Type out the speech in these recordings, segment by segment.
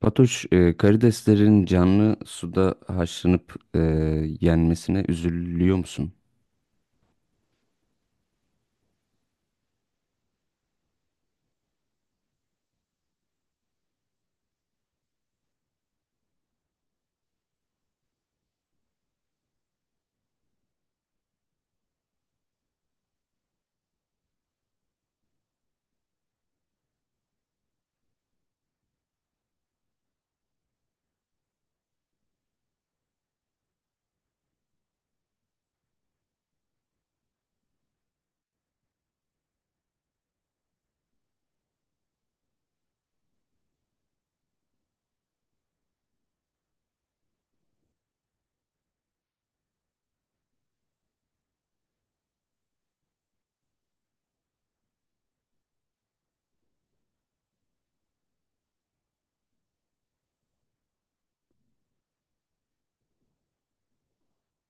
Fatoş, karideslerin canlı suda haşlanıp yenmesine üzülüyor musun?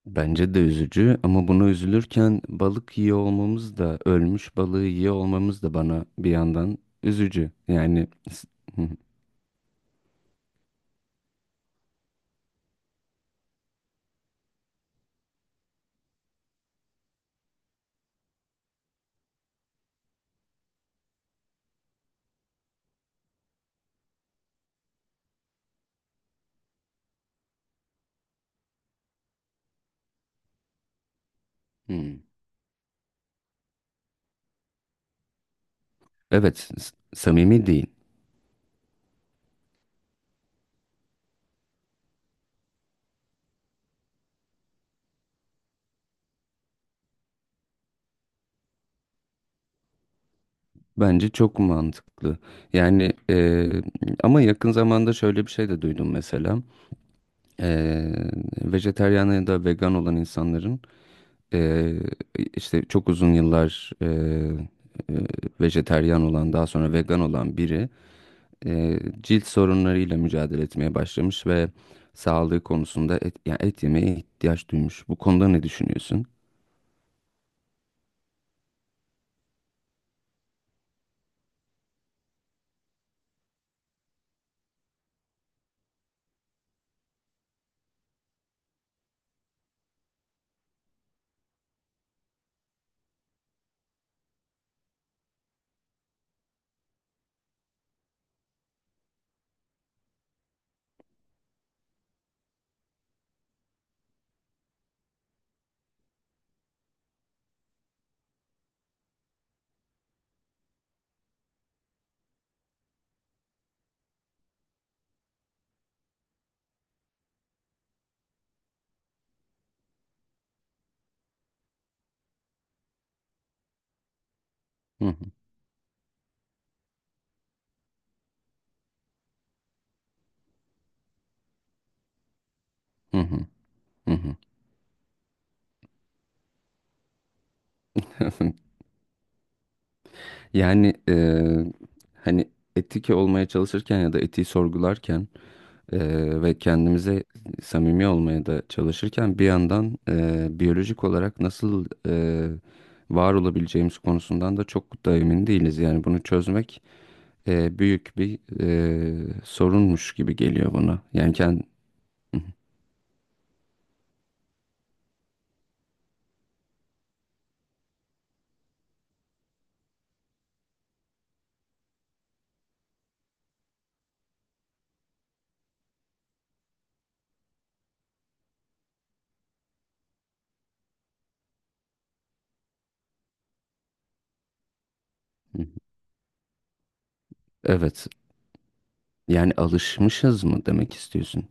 Bence de üzücü ama buna üzülürken balık yiyor olmamız da ölmüş balığı yiyor olmamız da bana bir yandan üzücü. Hı hı. Hmm. Evet, samimi değil. Bence çok mantıklı. Yani, ama yakın zamanda şöyle bir şey de duydum mesela. E, Vejetaryen ya da vegan olan insanların, Ee, işte çok uzun yıllar, vejeteryan olan daha sonra vegan olan biri cilt sorunlarıyla mücadele etmeye başlamış ve sağlığı konusunda yani et yemeye ihtiyaç duymuş. Bu konuda ne düşünüyorsun? Hı hı, hı hı. Hı hı. Yani, hani etik olmaya çalışırken ya da etiği sorgularken, ve kendimize samimi olmaya da çalışırken bir yandan biyolojik olarak nasıl var olabileceğimiz konusundan da çok da emin değiliz. Yani bunu çözmek büyük bir sorunmuş gibi geliyor bana. Yani kend... Evet. Yani alışmışız mı demek istiyorsun?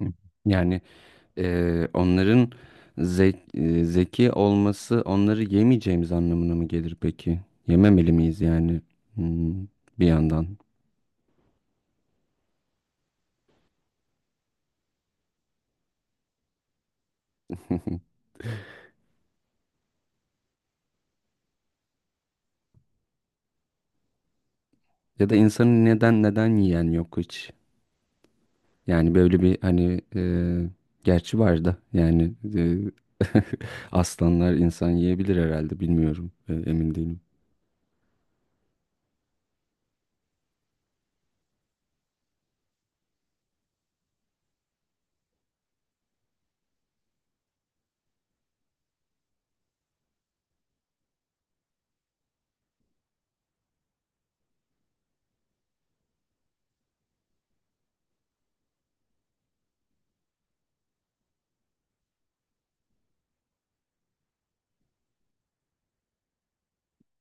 Hı. Yani onların zeki olması onları yemeyeceğimiz anlamına mı gelir peki? Yememeli miyiz yani? Hmm, bir yandan? Ya da insanın neden yiyen yok hiç? Yani böyle bir hani, gerçi var da yani, aslanlar insan yiyebilir herhalde, bilmiyorum. Emin değilim.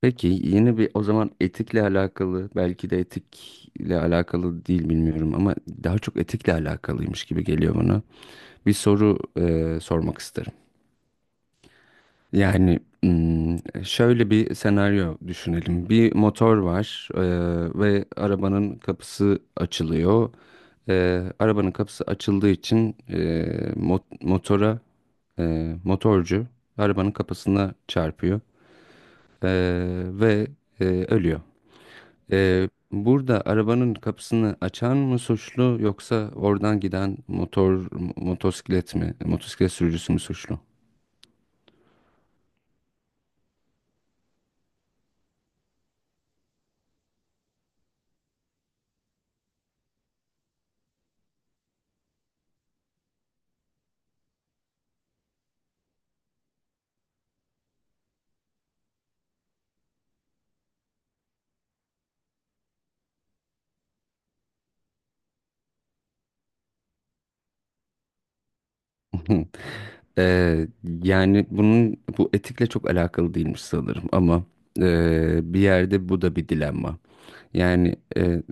Peki yeni bir, o zaman etikle alakalı, belki de etikle alakalı değil bilmiyorum ama daha çok etikle alakalıymış gibi geliyor bana. Bir soru sormak isterim. Yani hmm, şöyle bir senaryo düşünelim. Bir motor var, ve arabanın kapısı açılıyor. Arabanın kapısı açıldığı için, motora, motorcu arabanın kapısına çarpıyor. E, Ve ölüyor. Burada arabanın kapısını açan mı suçlu, yoksa oradan giden motosiklet mi, motosiklet sürücüsü mü suçlu? Ee, Yani bunun, bu etikle çok alakalı değilmiş sanırım ama bir yerde bu da bir dilemma. Yani,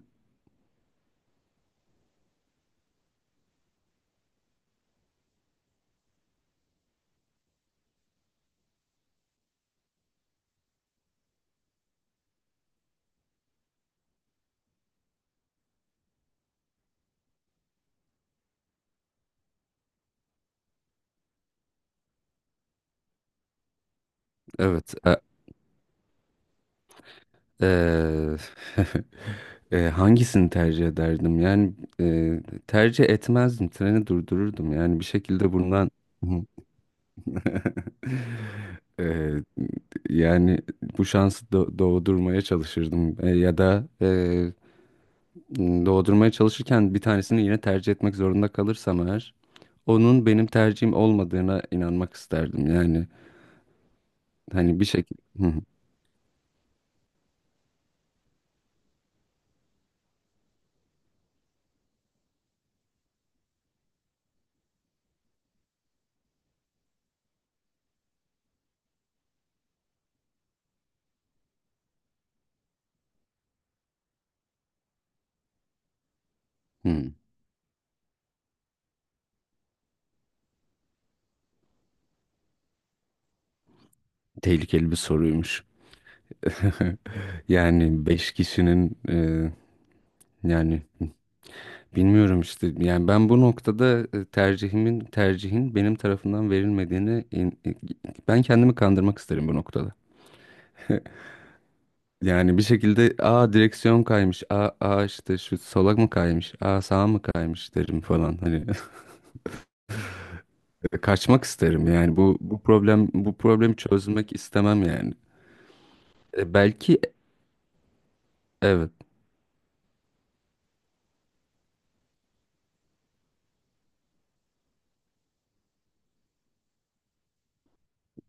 evet. E, Hangisini tercih ederdim? Yani, tercih etmezdim, treni durdururdum. Yani bir şekilde bundan... Ee, Yani bu şansı doğdurmaya çalışırdım. Ya da, doğdurmaya çalışırken bir tanesini yine tercih etmek zorunda kalırsam eğer, onun benim tercihim olmadığına inanmak isterdim. Yani hani bir şekilde. Hı hı. Hı. Tehlikeli bir soruymuş. Yani beş kişinin, yani bilmiyorum işte, yani ben bu noktada, e, tercihimin tercihin benim tarafından verilmediğini, ben kendimi kandırmak isterim bu noktada. Yani bir şekilde aa direksiyon kaymış, aa, aa işte şu sola mı kaymış, aa sağa mı kaymış derim falan. Hani kaçmak isterim yani, bu problemi çözmek istemem yani. Belki, evet,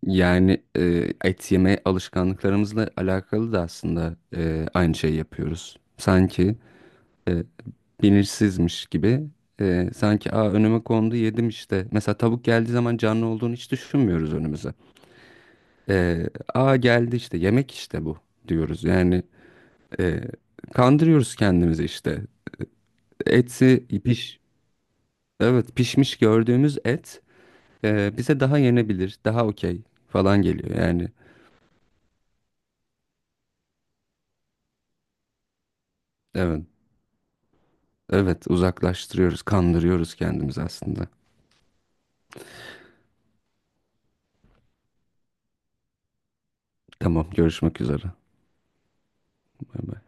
yani, et yeme alışkanlıklarımızla alakalı da aslında, aynı şeyi yapıyoruz. Sanki e, bilinçsizmiş gibi, sanki "Aa, önüme kondu, yedim işte." Mesela tavuk geldiği zaman canlı olduğunu hiç düşünmüyoruz önümüze. E, "Aa geldi işte yemek, işte bu" diyoruz. Yani, e, kandırıyoruz kendimizi işte. Eti piş Evet, pişmiş gördüğümüz et bize daha yenebilir, daha okey falan geliyor yani. Evet. Evet, uzaklaştırıyoruz, kandırıyoruz kendimizi aslında. Tamam, görüşmek üzere. Bay bay.